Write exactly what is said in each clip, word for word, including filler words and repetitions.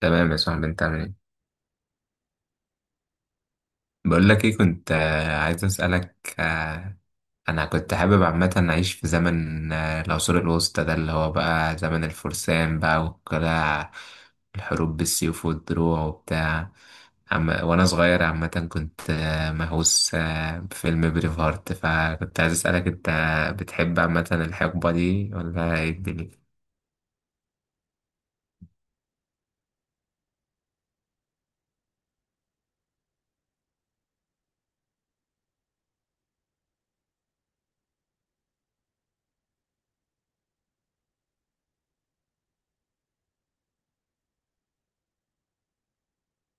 تمام يا صاحبي، انت عامل ايه؟ بقول لك ايه، كنت آه، عايز اسالك. آه، انا كنت حابب عامه اعيش في زمن آه، العصور الوسطى، ده اللي هو بقى زمن الفرسان بقى والقلاع، الحروب بالسيوف والدروع وبتاع. عم... وانا صغير عامه كنت آه، مهووس آه، بفيلم بريف هارت، فكنت عايز اسالك انت بتحب عامه الحقبه دي ولا ايه الدنيا؟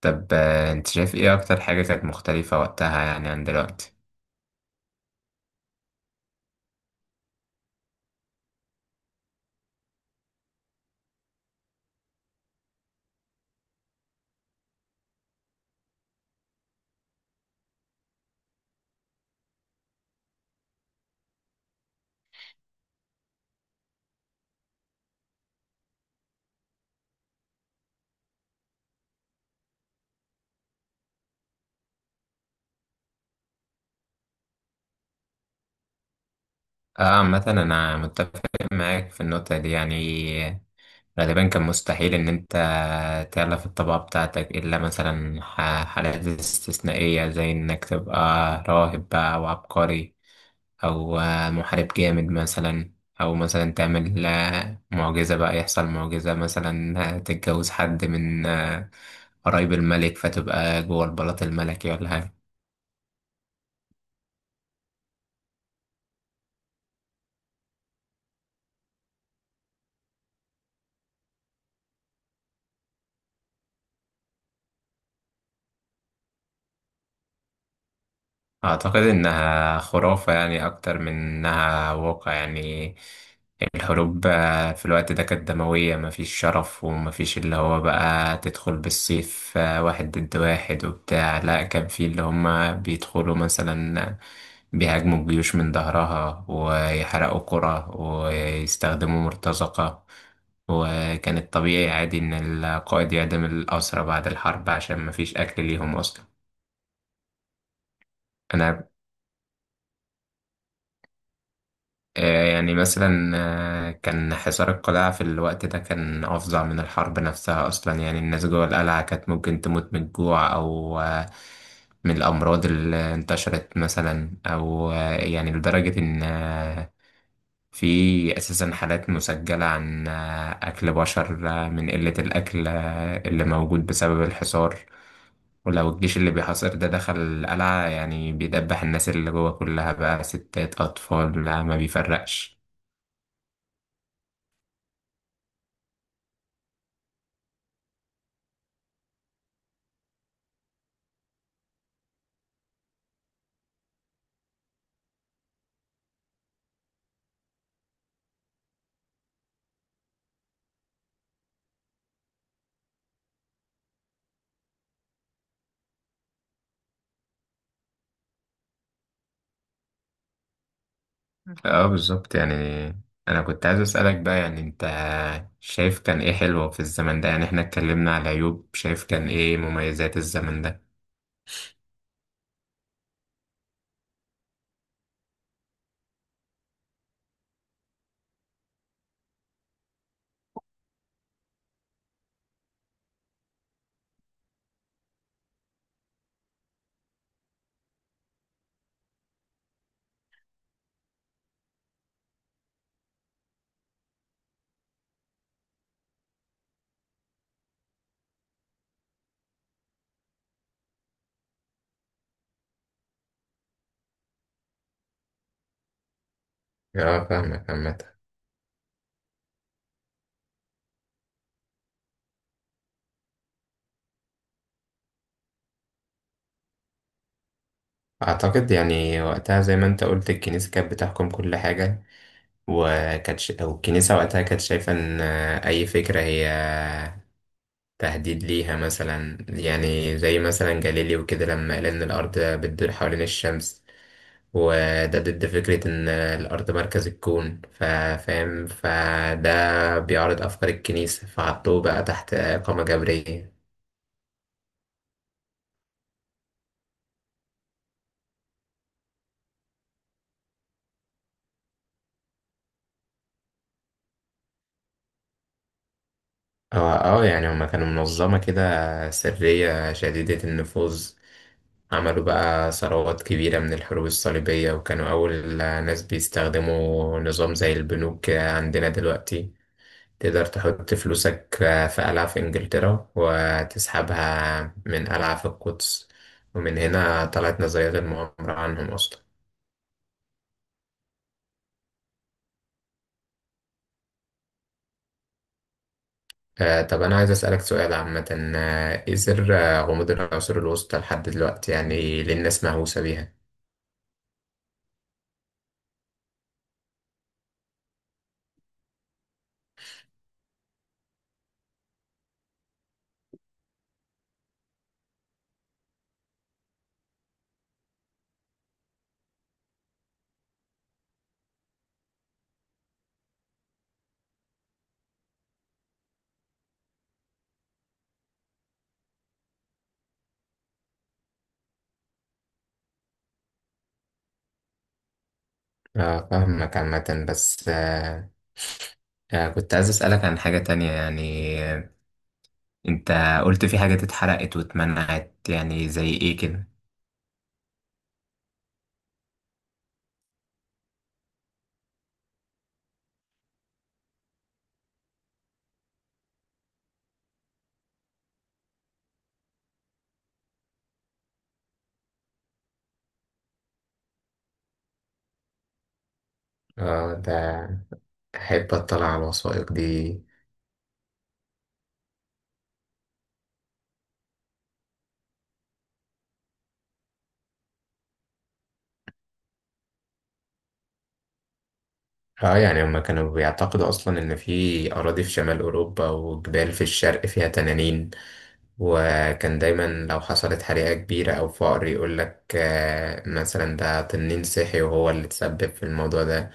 طب، آه، انت شايف ايه اكتر حاجه كانت مختلفه وقتها يعني عن دلوقتي؟ اه، مثلا انا متفق معاك في النقطة دي يعني. غالبا كان مستحيل ان انت تعلى في الطبقة بتاعتك الا مثلا ح- حالات استثنائية، زي انك تبقى راهب بقى او عبقري او آه، محارب جامد مثلا، او مثلا تعمل آه، معجزة، بقى يحصل معجزة مثلا، آه، تتجوز حد من آه، قرايب الملك فتبقى جوه البلاط الملكي ولا حاجة. أعتقد إنها خرافة يعني أكتر من إنها واقع. يعني الحروب آه، في الوقت ده كانت دموية، مفيش شرف ومفيش اللي هو بقى تدخل بالسيف آه، واحد ضد واحد وبتاع، لا كان في اللي هما بيدخلوا مثلا بيهاجموا الجيوش من ظهرها ويحرقوا قرى ويستخدموا مرتزقة. وكان الطبيعي عادي إن القائد يعدم الأسرى بعد الحرب عشان مفيش أكل ليهم أصلا. أنا آه، يعني مثلا، آه، كان حصار القلاع في الوقت ده كان أفظع من الحرب نفسها أصلا. يعني الناس جوه القلعة كانت ممكن تموت من الجوع أو آه، من الأمراض اللي انتشرت مثلا، أو آه، يعني لدرجة إن آه، في أساسا حالات مسجلة عن آه، أكل بشر، آه، من قلة الأكل آه، اللي موجود بسبب الحصار. ولو الجيش اللي بيحاصر ده دخل القلعة، يعني بيدبح الناس اللي جوه كلها، بقى ستات أطفال، لا ما بيفرقش. اه، بالظبط يعني. انا كنت عايز اسالك بقى، يعني انت شايف كان ايه حلو في الزمن ده؟ يعني احنا اتكلمنا على عيوب، شايف كان ايه مميزات الزمن ده؟ اه، فاهمك عامة. أعتقد يعني وقتها زي ما أنت قلت، الكنيسة كانت بتحكم كل حاجة. وكانت ش... أو الكنيسة وقتها كانت شايفة إن أي فكرة هي تهديد ليها، مثلا يعني زي مثلا جاليليو كده لما قال إن الأرض بتدور حوالين الشمس، وده ضد فكرة إن الأرض مركز الكون، فا- فاهم، فده بيعارض أفكار الكنيسة، فحطوه بقى تحت إقامة جبرية. اه، اه. يعني هما كانوا منظمة كده سرية شديدة النفوذ، عملوا بقى ثروات كبيرة من الحروب الصليبية. وكانوا أول ناس بيستخدموا نظام زي البنوك كده عندنا دلوقتي، تقدر تحط فلوسك في قلعة في إنجلترا وتسحبها من قلعة في القدس. ومن هنا طلعت نظرية المؤامرة عنهم أصلا. آه، طب أنا عايز أسألك سؤال عامة. آه، إيه سر آه، غموض العصور الوسطى لحد دلوقتي؟ يعني ليه الناس مهووسة بيها؟ آه، فاهمك عامة. بس آه، آه، كنت عايز أسألك عن حاجة تانية يعني. آه، أنت قلت في حاجات اتحرقت واتمنعت، يعني زي إيه كده؟ آه ده أحب أطلع على الوثائق دي. اه، يعني هما كانوا بيعتقدوا اصلا ان في اراضي في شمال اوروبا وجبال في الشرق فيها تنانين. وكان دايما لو حصلت حريقة كبيرة او فقر يقول لك آه، مثلا ده تنين صحي وهو اللي تسبب في الموضوع ده.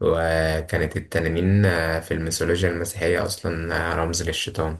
وكانت التنانين آه، في الميثولوجيا المسيحية اصلا آه، رمز للشيطان.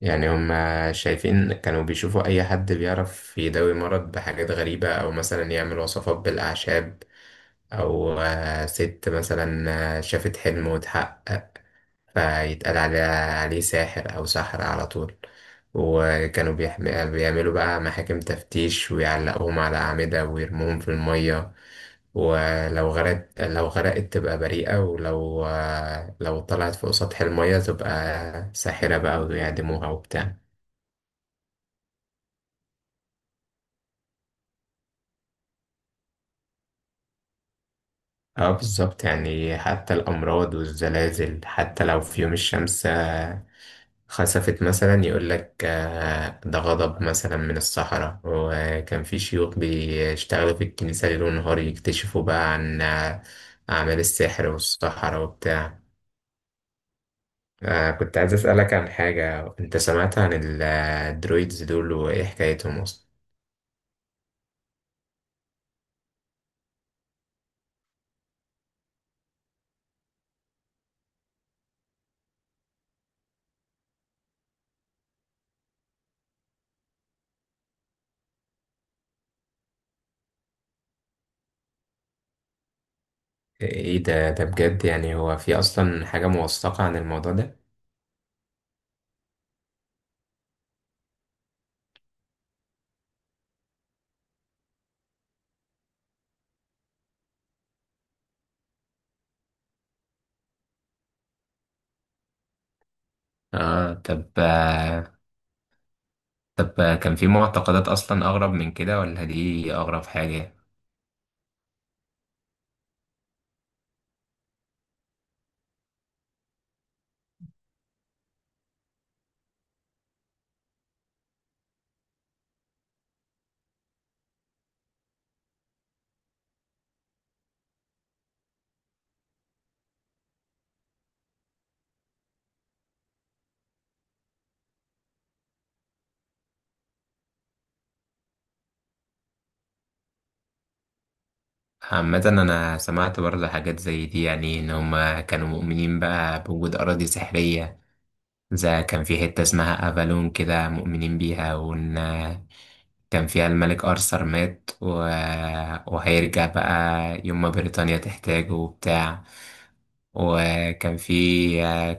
يعني هما شايفين كانوا بيشوفوا اي حد بيعرف يداوي مرض بحاجات غريبة او مثلا يعمل وصفات بالاعشاب، أو آه، ست مثلا آه، شافت حلم واتحقق، فيتقال عليه عليه ساحر أو ساحرة على طول. وكانوا بيحم- بيعملوا بقى محاكم تفتيش ويعلقوهم على أعمدة ويرموهم في المية. ولو غرقت، لو غرقت تبقى بريئة، ولو آه، لو طلعت فوق سطح المية تبقى ساحرة بقى ويعدموها وبتاع. اه، بالظبط يعني. حتى الأمراض والزلازل، حتى لو في يوم الشمس خسفت مثلا يقول لك آه، ده غضب مثلا من الصحراء. وكان في شيوخ بيشتغلوا في الكنيسة ليل ونهار يكتشفوا بقى عن آه، أعمال السحر والصحراء وبتاع. آه، كنت عايز أسألك عن حاجة، أنت سمعت عن ال- آه، الدرويدز دول؟ وإيه حكايتهم أصلا؟ إيه ده؟ ده بجد يعني؟ هو في أصلا حاجة موثقة عن الموضوع ده؟ آه طب آه، طب آه، كان في معتقدات أصلا أغرب من كده ولا دي أغرب حاجة؟ عامة أنا سمعت برضه حاجات زي دي، يعني إن هما كانوا مؤمنين بقى بوجود أراضي سحرية. زي كان في حتة اسمها أفالون كده مؤمنين بيها، وإن كان فيها الملك أرثر مات و... وهيرجع بقى يوم ما بريطانيا تحتاجه وبتاع. وكان في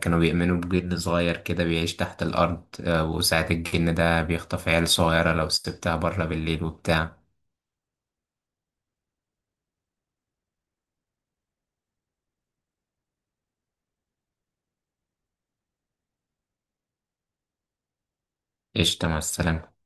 كانوا بيؤمنوا بجن صغير كده بيعيش تحت الأرض، وساعة الجن ده بيخطف عيال صغيرة لو سبتها بره بالليل وبتاع. قشطة، مع السلامة.